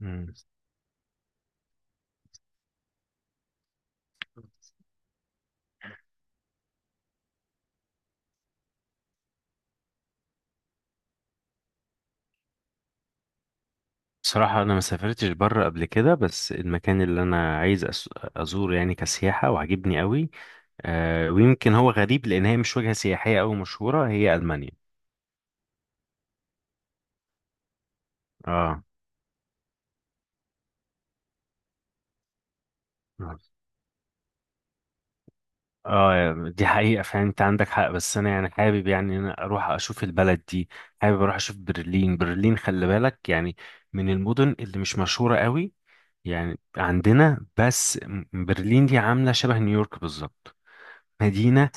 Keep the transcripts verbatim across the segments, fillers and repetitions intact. مم. بصراحة أنا ما سافرتش بره قبل كده، بس المكان اللي أنا عايز أس- أزوره يعني كسياحة وعجبني قوي. آه ويمكن هو غريب، لأن هي مش وجهة سياحية أو مشهورة، هي ألمانيا. آه. آه. دي حقيقة، فعلا أنت عندك حق، بس أنا يعني حابب، يعني أنا أروح أشوف البلد دي. حابب أروح أشوف برلين. برلين، خلي بالك، يعني من المدن اللي مش مشهورة قوي. يعني عندنا، بس م- برلين دي عاملة شبه نيويورك بالظبط. مدينة.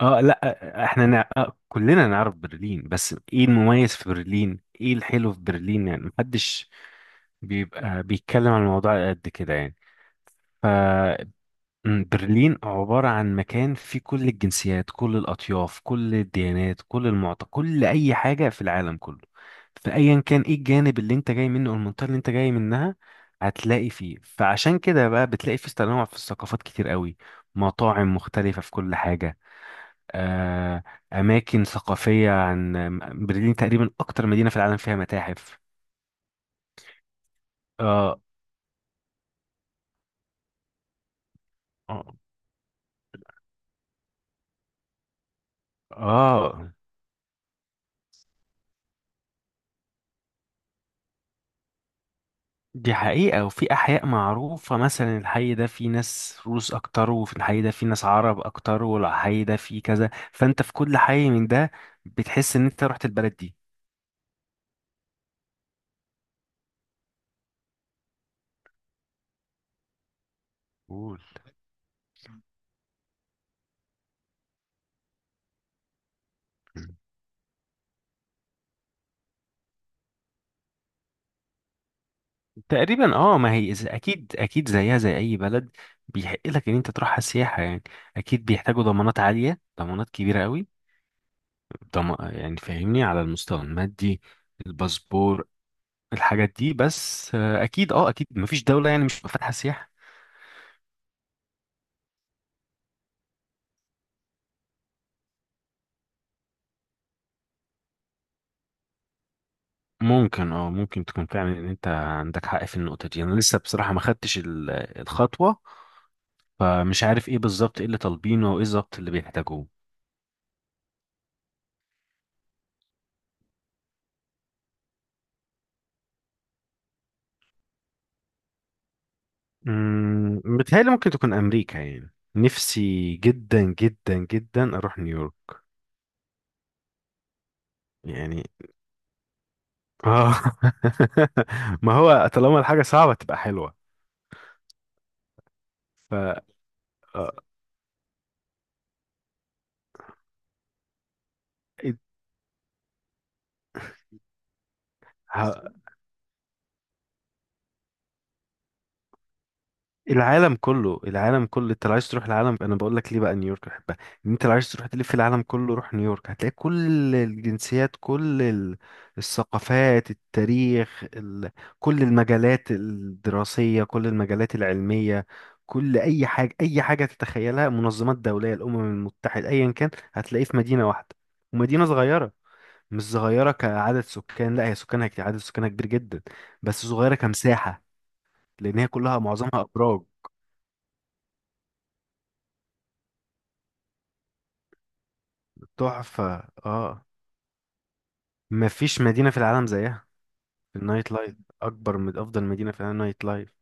اه، لا، احنا نع... آه كلنا نعرف برلين، بس ايه المميز في برلين، ايه الحلو في برلين؟ يعني محدش بيبقى بيتكلم عن الموضوع قد كده، يعني. ف م، برلين عبارة عن مكان فيه كل الجنسيات، كل الأطياف، كل الديانات، كل المعت كل أي حاجة في العالم كله. فأيا كان ايه الجانب اللي انت جاي منه، أو المنطقة اللي انت جاي منها، هتلاقي فيه. فعشان كده بقى، بتلاقي فيه تنوع في الثقافات كتير قوي. مطاعم مختلفة في كل حاجة، آه، أماكن ثقافية عن برلين، تقريبا أكتر مدينة في العالم فيها متاحف. آه. آه. آه، دي حقيقة، وفي أحياء معروفة مثلا الحي ده فيه ناس روس أكتر، وفي الحي ده فيه ناس عرب أكتر، والحي ده فيه كذا، فأنت في كل حي من ده بتحس إن أنت رحت البلد دي. قول. تقريبا، اه ما هي إذا- اكيد اكيد زيها زي اي بلد. بيحق لك ان انت تروحها سياحه، يعني اكيد بيحتاجوا ضمانات عاليه، ضمانات كبيره قوي. طم... يعني فاهمني على المستوى المادي، الباسبور، الحاجات دي. بس آه، اكيد اه اكيد مفيش دولة يعني مش فاتحة سياحة. ممكن اه ممكن تكون فعلا ان انت عندك حق في النقطة دي. انا لسه بصراحة ما خدتش ال- الخطوة، فمش عارف ايه بالظبط، ايه اللي طالبينه وايه بالظبط اللي بيحتاجوه. أمم، متهيألي ممكن تكون امريكا، يعني نفسي جدا جدا جدا اروح نيويورك. يعني. اه. ما هو طالما الحاجة صعبة تبقى حلوة. ف آه، ه- العالم كله، العالم كله، انت لو عايز تروح العالم، انا بقول لك ليه بقى نيويورك بحبها. ان انت لو عايز تروح تلف العالم كله، روح نيويورك، هتلاقي كل الجنسيات، كل ال- الثقافات، التاريخ، ال... كل المجالات الدراسية، كل المجالات العلمية، كل اي حاجة، اي حاجة تتخيلها، منظمات دولية، الامم المتحدة، ايا كان هتلاقيه في مدينة واحدة. ومدينة صغيرة. مش صغيرة كعدد سكان، لا، هي سكانها كتير، عدد سكانها كبير جدا، بس صغيرة كمساحة، لان هي كلها معظمها ابراج. تحفة. اه. مفيش مدينة في العالم زيها في النايت لايف. أكبر من، أفضل مدينة في العالم نايت لايف.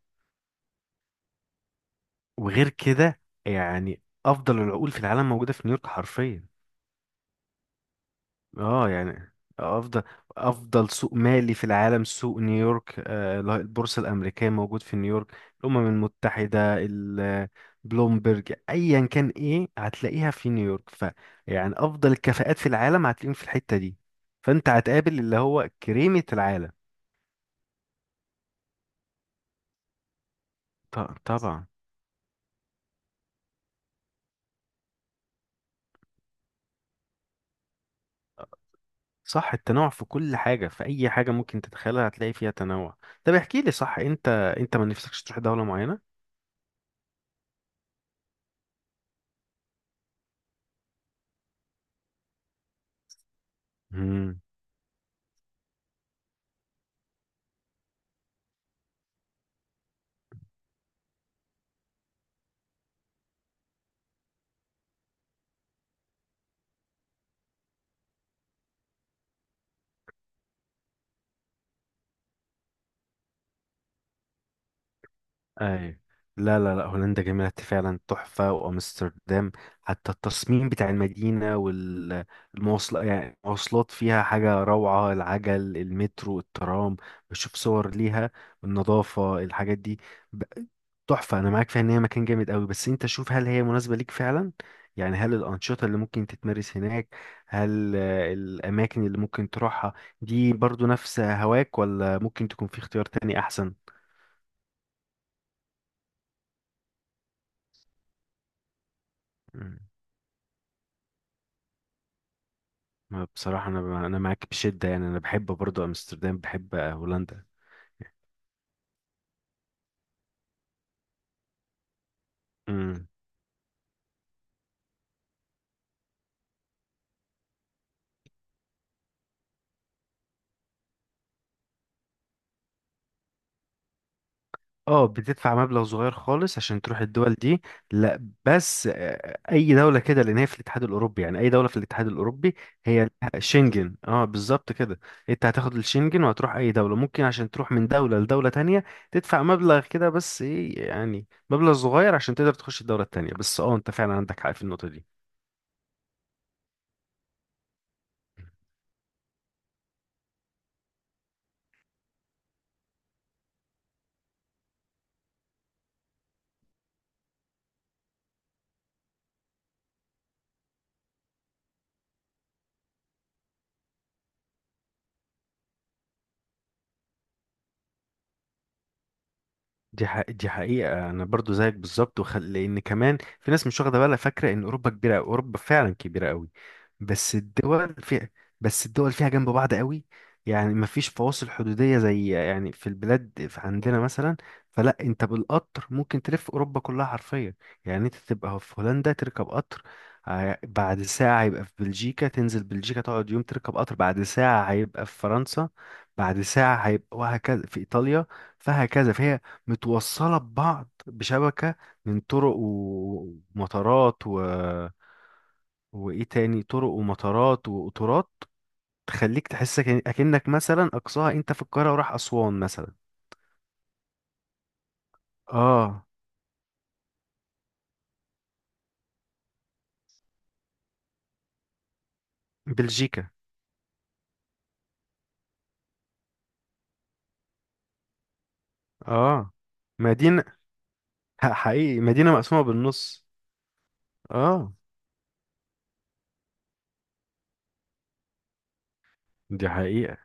وغير كده، يعني أفضل العقول في العالم موجودة في نيويورك حرفيا. اه يعني أفضل أفضل سوق مالي في العالم، سوق نيويورك، آه لا- البورصة الأمريكية موجود في نيويورك. الأمم المتحدة، ال- بلومبرج، أيا كان إيه، هتلاقيها في نيويورك. ف يعني أفضل الكفاءات في العالم هتلاقيهم في الحتة دي. فأنت هتقابل اللي هو كريمة العالم. ط- طبعا. صح، التنوع في كل حاجة، في أي حاجة ممكن تتخيلها هتلاقي فيها تنوع. طب احكي لي، صح، أنت أنت ما نفسكش تروح دولة معينة؟ مم. ايوه، لا، لا، لا، هولندا جميلة فعلا تحفة، وأمستردام. حتى التصميم بتاع المدينة والمواصلات، يعني المواصلات فيها حاجة روعة، العجل، المترو، الترام، بشوف صور ليها، النظافة، الحاجات دي. ب- تحفة. أنا معاك فيها إن هي مكان جامد قوي، بس أنت شوف هل هي مناسبة ليك فعلا. يعني هل الأنشطة اللي ممكن تتمارس هناك، هل آه، الأماكن اللي ممكن تروحها دي برضو نفس هواك، ولا ممكن تكون في اختيار تاني أحسن؟ ما بصراحة أنا أنا معاك بشدة، يعني أنا بحب برضو أمستردام، بحب هولندا. امم. اه، بتدفع مبلغ صغير خالص عشان تروح الدول دي. لا، بس آه، أي دولة كده، لأن هي في الاتحاد الأوروبي، يعني أي دولة في الاتحاد الأوروبي هي لها شنجن، اه، بالظبط كده. أنت هتاخد الشنجن، وهتروح أي دولة ممكن. عشان تروح من دولة لدولة تانية، تدفع مبلغ كده، بس إيه يعني، مبلغ صغير عشان تقدر تخش الدولة التانية. بس اه، أنت فعلا عندك حق في النقطة دي. دي حقيقة، دي حقيقة، أنا برضو زيك بالظبط. وخل... لأن كمان في ناس مش واخدة بالها، فاكرة إن أوروبا كبيرة أوي. أوروبا فعلا كبيرة أوي. بس الدول في... بس الدول فيها جنب بعض أوي. يعني مفيش فواصل حدودية زي، يعني في البلاد، في عندنا مثلا. فلا، أنت بالقطر ممكن تلف أوروبا كلها حرفيا. يعني أنت تبقى في هولندا، تركب قطر، آه، بعد ساعة هيبقى في بلجيكا، تنزل بلجيكا، تقعد يوم، تركب قطر، بعد ساعة هيبقى في فرنسا، بعد ساعة هيبقى وهكذا في إيطاليا. فهكذا، فهي متوصلة ببعض بشبكة من طرق و- ومطارات و... وإيه تاني، طرق ومطارات وقطارات تخليك تحس كأن- أكنك مثلا، أقصاها أنت في القاهرة، وراح أسوان مثلا. آه. بلجيكا. آه. مدينة. ح- حقيقي، مدينة مقسومة بالنص. آه، دي حقيقة.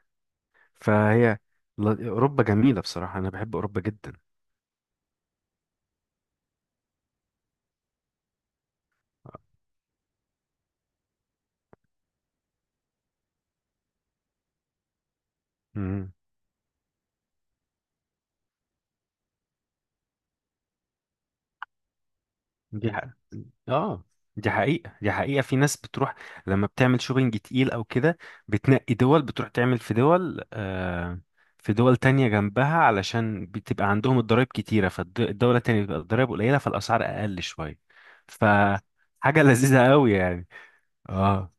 فهي ل- أوروبا جميلة، بصراحة أنا بحب أوروبا جدا. مم. دي حقيقة، اه دي حقيقة، دي حقيقة، في ناس بتروح لما بتعمل شوبينج تقيل او كده، بتنقي دول، بتروح تعمل في دول آه في دول تانية جنبها، علشان بتبقى عندهم الضرايب كتيرة، فالدولة التانية بتبقى الضرايب قليلة، فالأسعار أقل شوية. فحاجة لذيذة قوي، يعني. اه.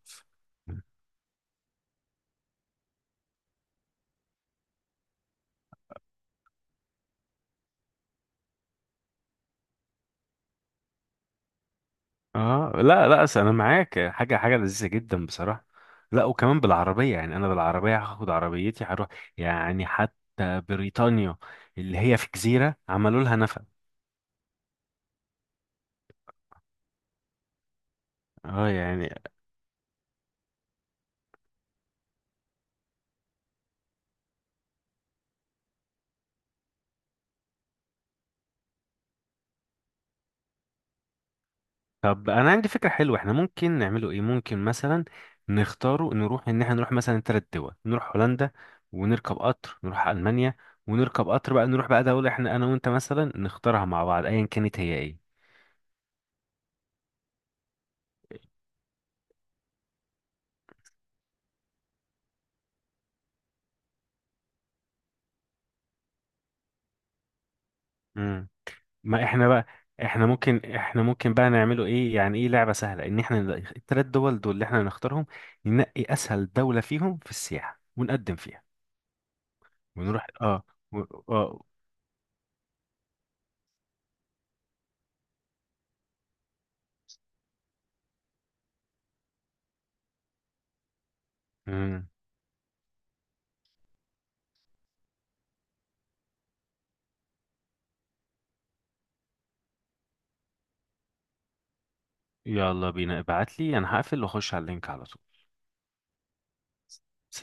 اه، لا، لا، أصل انا معاك، حاجه حاجه لذيذه جدا بصراحه. لا، وكمان بالعربيه، يعني انا بالعربيه هاخد عربيتي هروح، يعني حتى بريطانيا اللي هي في جزيره، عملوا لها نفق. اه، يعني. طب انا عندي فكره حلوه، احنا ممكن نعمله ايه؟ ممكن مثلا نختاره، نروح، ان احنا نروح مثلا ثلاث دول، نروح هولندا، ونركب قطر نروح المانيا، ونركب قطر بقى نروح بقى دوله احنا انا وانت مثلا نختارها مع بعض، ايا كانت هي. ايه. ما احنا بقى، احنا ممكن احنا ممكن بقى نعمله ايه يعني، ايه لعبة سهلة ان احنا نلاقي التلات دول، دول اللي احنا نختارهم، ننقي اسهل دولة فيهم في السياحة ونقدم فيها، ونروح. اه. و... اه. مم. يلا بينا، ابعت لي، انا هقفل واخش على اللينك على طول.